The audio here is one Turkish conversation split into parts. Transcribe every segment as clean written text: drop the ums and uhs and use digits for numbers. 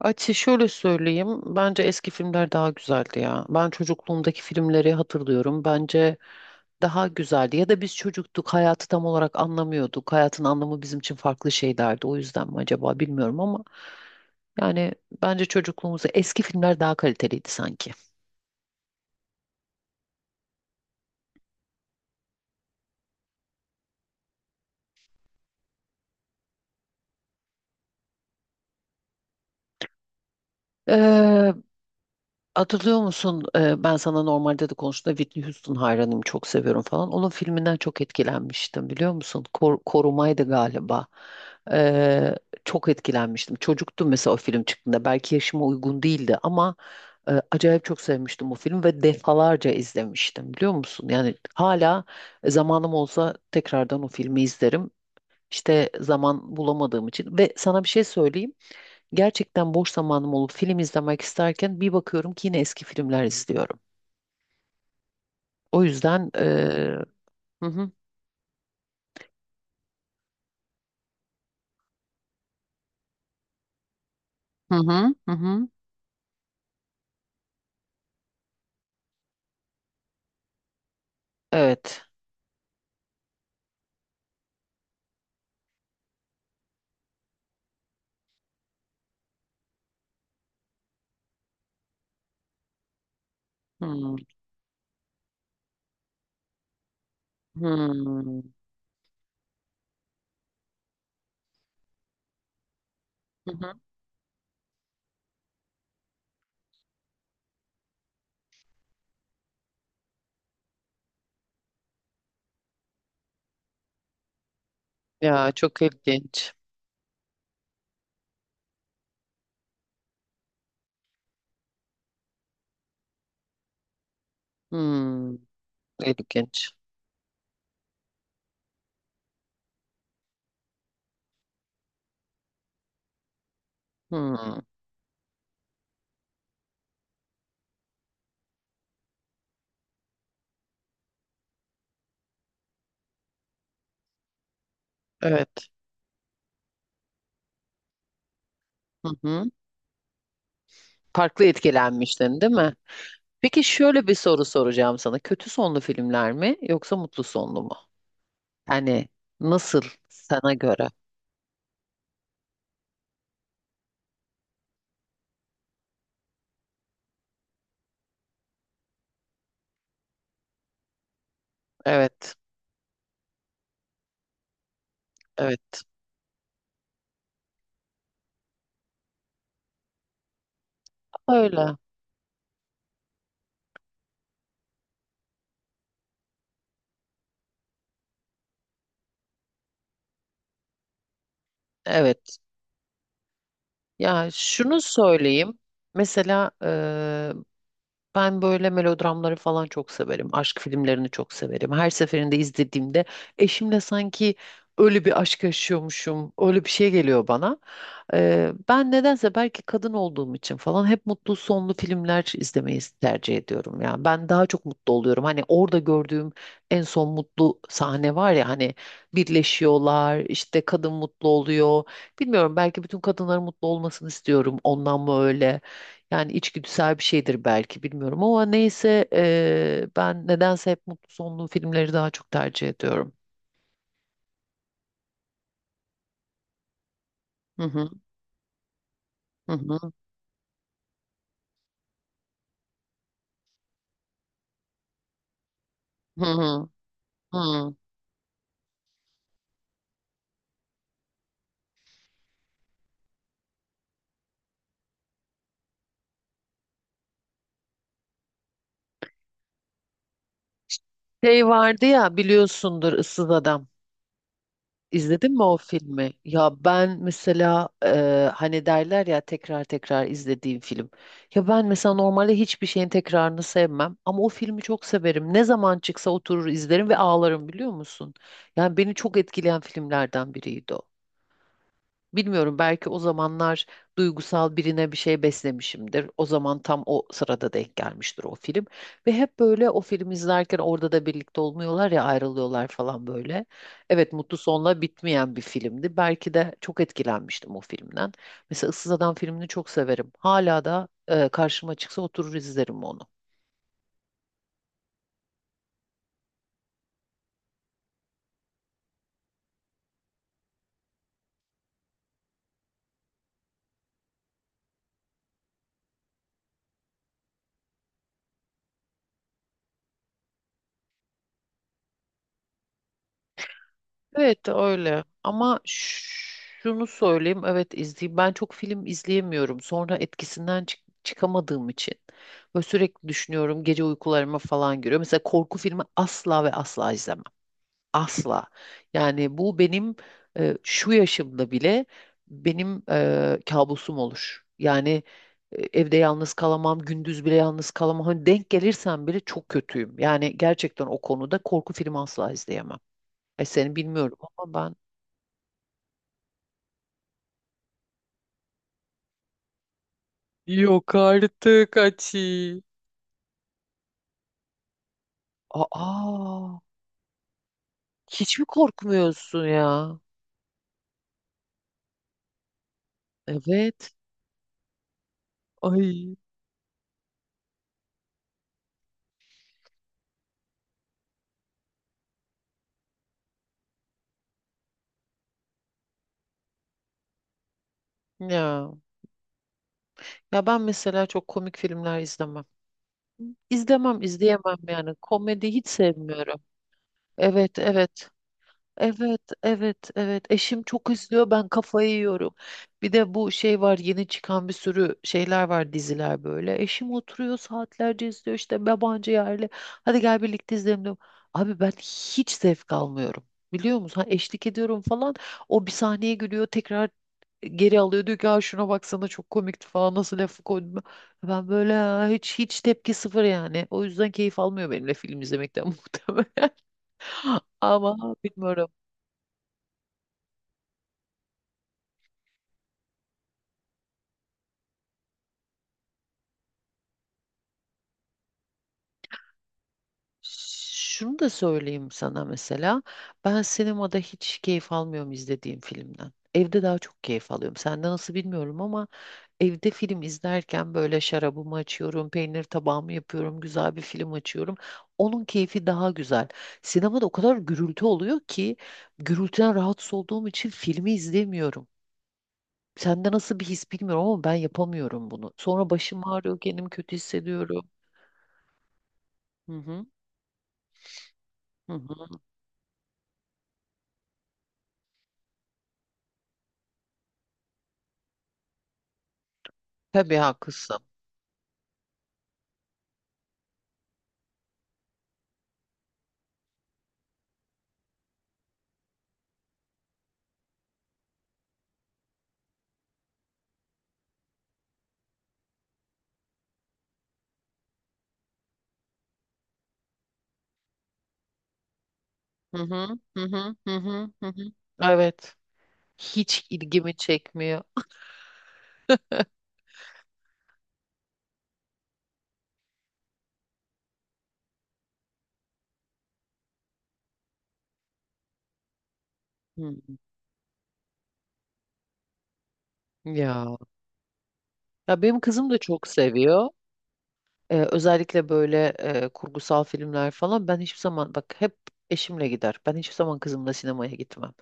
Açı şöyle söyleyeyim. Bence eski filmler daha güzeldi ya. Ben çocukluğumdaki filmleri hatırlıyorum. Bence daha güzeldi. Ya da biz çocuktuk, hayatı tam olarak anlamıyorduk. Hayatın anlamı bizim için farklı şeylerdi. O yüzden mi acaba bilmiyorum ama yani bence çocukluğumuzda eski filmler daha kaliteliydi sanki. Ee, Hatırlıyor musun? Ben sana normalde de konuştuğumda Whitney Houston hayranıyım, çok seviyorum falan. Onun filminden çok etkilenmiştim biliyor musun? Korumaydı galiba. Ee, çok etkilenmiştim. Çocuktum mesela o film çıktığında. Belki yaşıma uygun değildi ama acayip çok sevmiştim o filmi ve defalarca izlemiştim biliyor musun? Yani hala zamanım olsa tekrardan o filmi izlerim. İşte zaman bulamadığım için ve sana bir şey söyleyeyim. Gerçekten boş zamanım olup film izlemek isterken bir bakıyorum ki yine eski filmler izliyorum. O yüzden hı hı hı hı hı hı. Evet. Hmm, hmm, hı hı. Ya çok ilginç. Hmm, ilginç. Hmm, evet. Hı hı. Farklı etkilenmiştin, değil mi? Peki şöyle bir soru soracağım sana. Kötü sonlu filmler mi yoksa mutlu sonlu mu? Hani nasıl sana göre? Evet, evet. Öyle. Evet. Ya şunu söyleyeyim. Mesela ben böyle melodramları falan çok severim. Aşk filmlerini çok severim. Her seferinde izlediğimde eşimle sanki öyle bir aşk yaşıyormuşum. Öyle bir şey geliyor bana. Ben nedense belki kadın olduğum için falan hep mutlu sonlu filmler izlemeyi tercih ediyorum. Yani ben daha çok mutlu oluyorum. Hani orada gördüğüm en son mutlu sahne var ya hani birleşiyorlar işte kadın mutlu oluyor. Bilmiyorum belki bütün kadınların mutlu olmasını istiyorum. Ondan mı öyle? Yani içgüdüsel bir şeydir belki bilmiyorum ama neyse ben nedense hep mutlu sonlu filmleri daha çok tercih ediyorum. Hı hı hı hı hı hı. Hı. Şey vardı ya biliyorsundur Issız Adam. İzledin mi o filmi? Ya ben mesela hani derler ya tekrar tekrar izlediğim film. Ya ben mesela normalde hiçbir şeyin tekrarını sevmem ama o filmi çok severim. Ne zaman çıksa oturur izlerim ve ağlarım biliyor musun? Yani beni çok etkileyen filmlerden biriydi o. Bilmiyorum belki o zamanlar duygusal birine bir şey beslemişimdir. O zaman tam o sırada denk gelmiştir o film. Ve hep böyle o filmi izlerken orada da birlikte olmuyorlar ya ayrılıyorlar falan böyle. Evet, mutlu sonla bitmeyen bir filmdi. Belki de çok etkilenmiştim o filmden. Mesela Issız Adam filmini çok severim. Hala da karşıma çıksa oturur izlerim onu. Evet öyle, ama şunu söyleyeyim, evet izleyeyim. Ben çok film izleyemiyorum, sonra etkisinden çıkamadığım için böyle sürekli düşünüyorum, gece uykularıma falan giriyor. Mesela korku filmi asla ve asla izlemem. Asla. Yani bu benim şu yaşımda bile benim kabusum olur yani. Evde yalnız kalamam, gündüz bile yalnız kalamam. Hani denk gelirsem bile çok kötüyüm yani, gerçekten o konuda korku filmi asla izleyemem. Seni bilmiyorum ama ben. Yok artık Ati. Aa, hiç mi korkmuyorsun ya? Evet. Ay, ya. Ya ben mesela çok komik filmler izlemem. İzlemem, izleyemem yani. Komedi hiç sevmiyorum. Evet, evet. Evet, evet, evet. Eşim çok izliyor, ben kafayı yiyorum. Bir de bu şey var, yeni çıkan bir sürü şeyler var, diziler böyle. Eşim oturuyor saatlerce izliyor işte yabancı yerli. Hadi gel birlikte izleyelim diyorum. Abi ben hiç zevk almıyorum. Biliyor musun? Ha, eşlik ediyorum falan. O bir sahneye gülüyor, tekrar geri alıyor. Diyor ki, "Aa, şuna baksana, çok komikti falan, nasıl lafı koydum." Ben böyle, "Aa, hiç hiç tepki sıfır" yani. O yüzden keyif almıyor benimle film izlemekten muhtemelen. Ama bilmiyorum. Şunu da söyleyeyim sana mesela. Ben sinemada hiç keyif almıyorum izlediğim filmden. Evde daha çok keyif alıyorum. Sende nasıl bilmiyorum ama evde film izlerken böyle şarabımı açıyorum, peynir tabağımı yapıyorum, güzel bir film açıyorum. Onun keyfi daha güzel. Sinemada o kadar gürültü oluyor ki gürültüden rahatsız olduğum için filmi izlemiyorum. Sende nasıl bir his bilmiyorum ama ben yapamıyorum bunu. Sonra başım ağrıyor, kendimi kötü hissediyorum. Hı hı. Hı hı. Tabii haklısın. Hı hı, hı hı, hı hı, hı hı. Evet. Hiç ilgimi çekmiyor. Hı. Ya. Ya benim kızım da çok seviyor. Özellikle böyle kurgusal filmler falan. Ben hiçbir zaman, bak, hep eşimle gider. Ben hiçbir zaman kızımla sinemaya gitmem.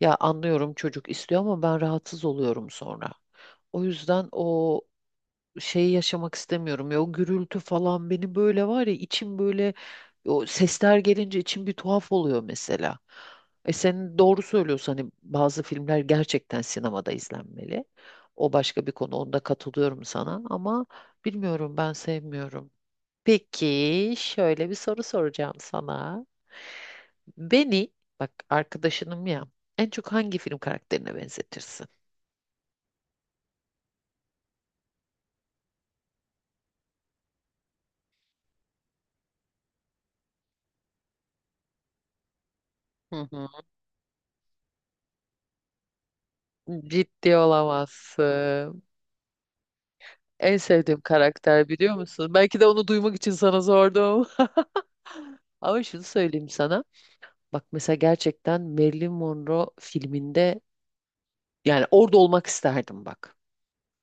Ya anlıyorum, çocuk istiyor ama ben rahatsız oluyorum sonra. O yüzden o şeyi yaşamak istemiyorum ya, o gürültü falan beni böyle, var ya, içim böyle o sesler gelince içim bir tuhaf oluyor mesela. E sen doğru söylüyorsun, hani bazı filmler gerçekten sinemada izlenmeli. O başka bir konu, onda katılıyorum sana ama bilmiyorum, ben sevmiyorum. Peki şöyle bir soru soracağım sana. Beni, bak, arkadaşınım ya, en çok hangi film karakterine benzetirsin? Hı hı. Ciddi olamazsın. En sevdiğim karakter biliyor musun? Belki de onu duymak için sana sordum. Ama şunu söyleyeyim sana. Bak mesela, gerçekten Marilyn Monroe filminde yani orada olmak isterdim, bak.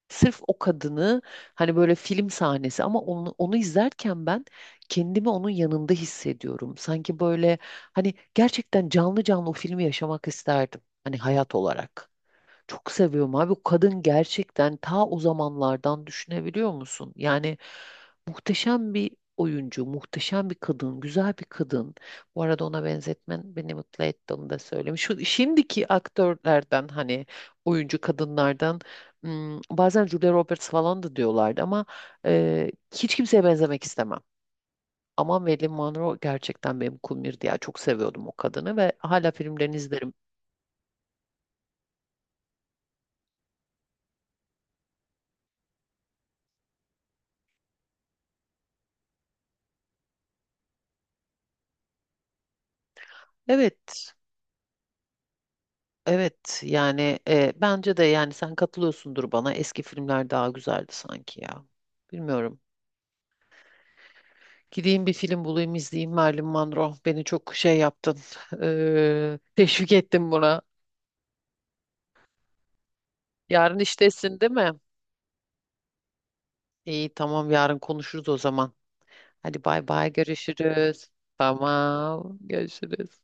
Sırf o kadını, hani böyle film sahnesi, ama onu, onu izlerken ben kendimi onun yanında hissediyorum. Sanki böyle, hani gerçekten canlı canlı o filmi yaşamak isterdim. Hani hayat olarak. Çok seviyorum abi. O kadın gerçekten ta o zamanlardan, düşünebiliyor musun? Yani muhteşem bir oyuncu, muhteşem bir kadın, güzel bir kadın. Bu arada ona benzetmen beni mutlu etti, onu da söyleyeyim. Şu şimdiki aktörlerden, hani oyuncu kadınlardan, bazen Julia Roberts falan da diyorlardı ama hiç kimseye benzemek istemem. Ama Marilyn Monroe gerçekten benim kumirdi ya. Çok seviyordum o kadını ve hala filmlerini izlerim. Evet. Evet yani bence de, yani sen katılıyorsundur bana, eski filmler daha güzeldi sanki ya. Bilmiyorum. Gideyim bir film bulayım izleyeyim Marilyn Monroe. Beni çok şey yaptın. Teşvik ettin buna. Yarın iştesin değil mi? İyi tamam, yarın konuşuruz o zaman. Hadi bay bay, görüşürüz. Tamam görüşürüz.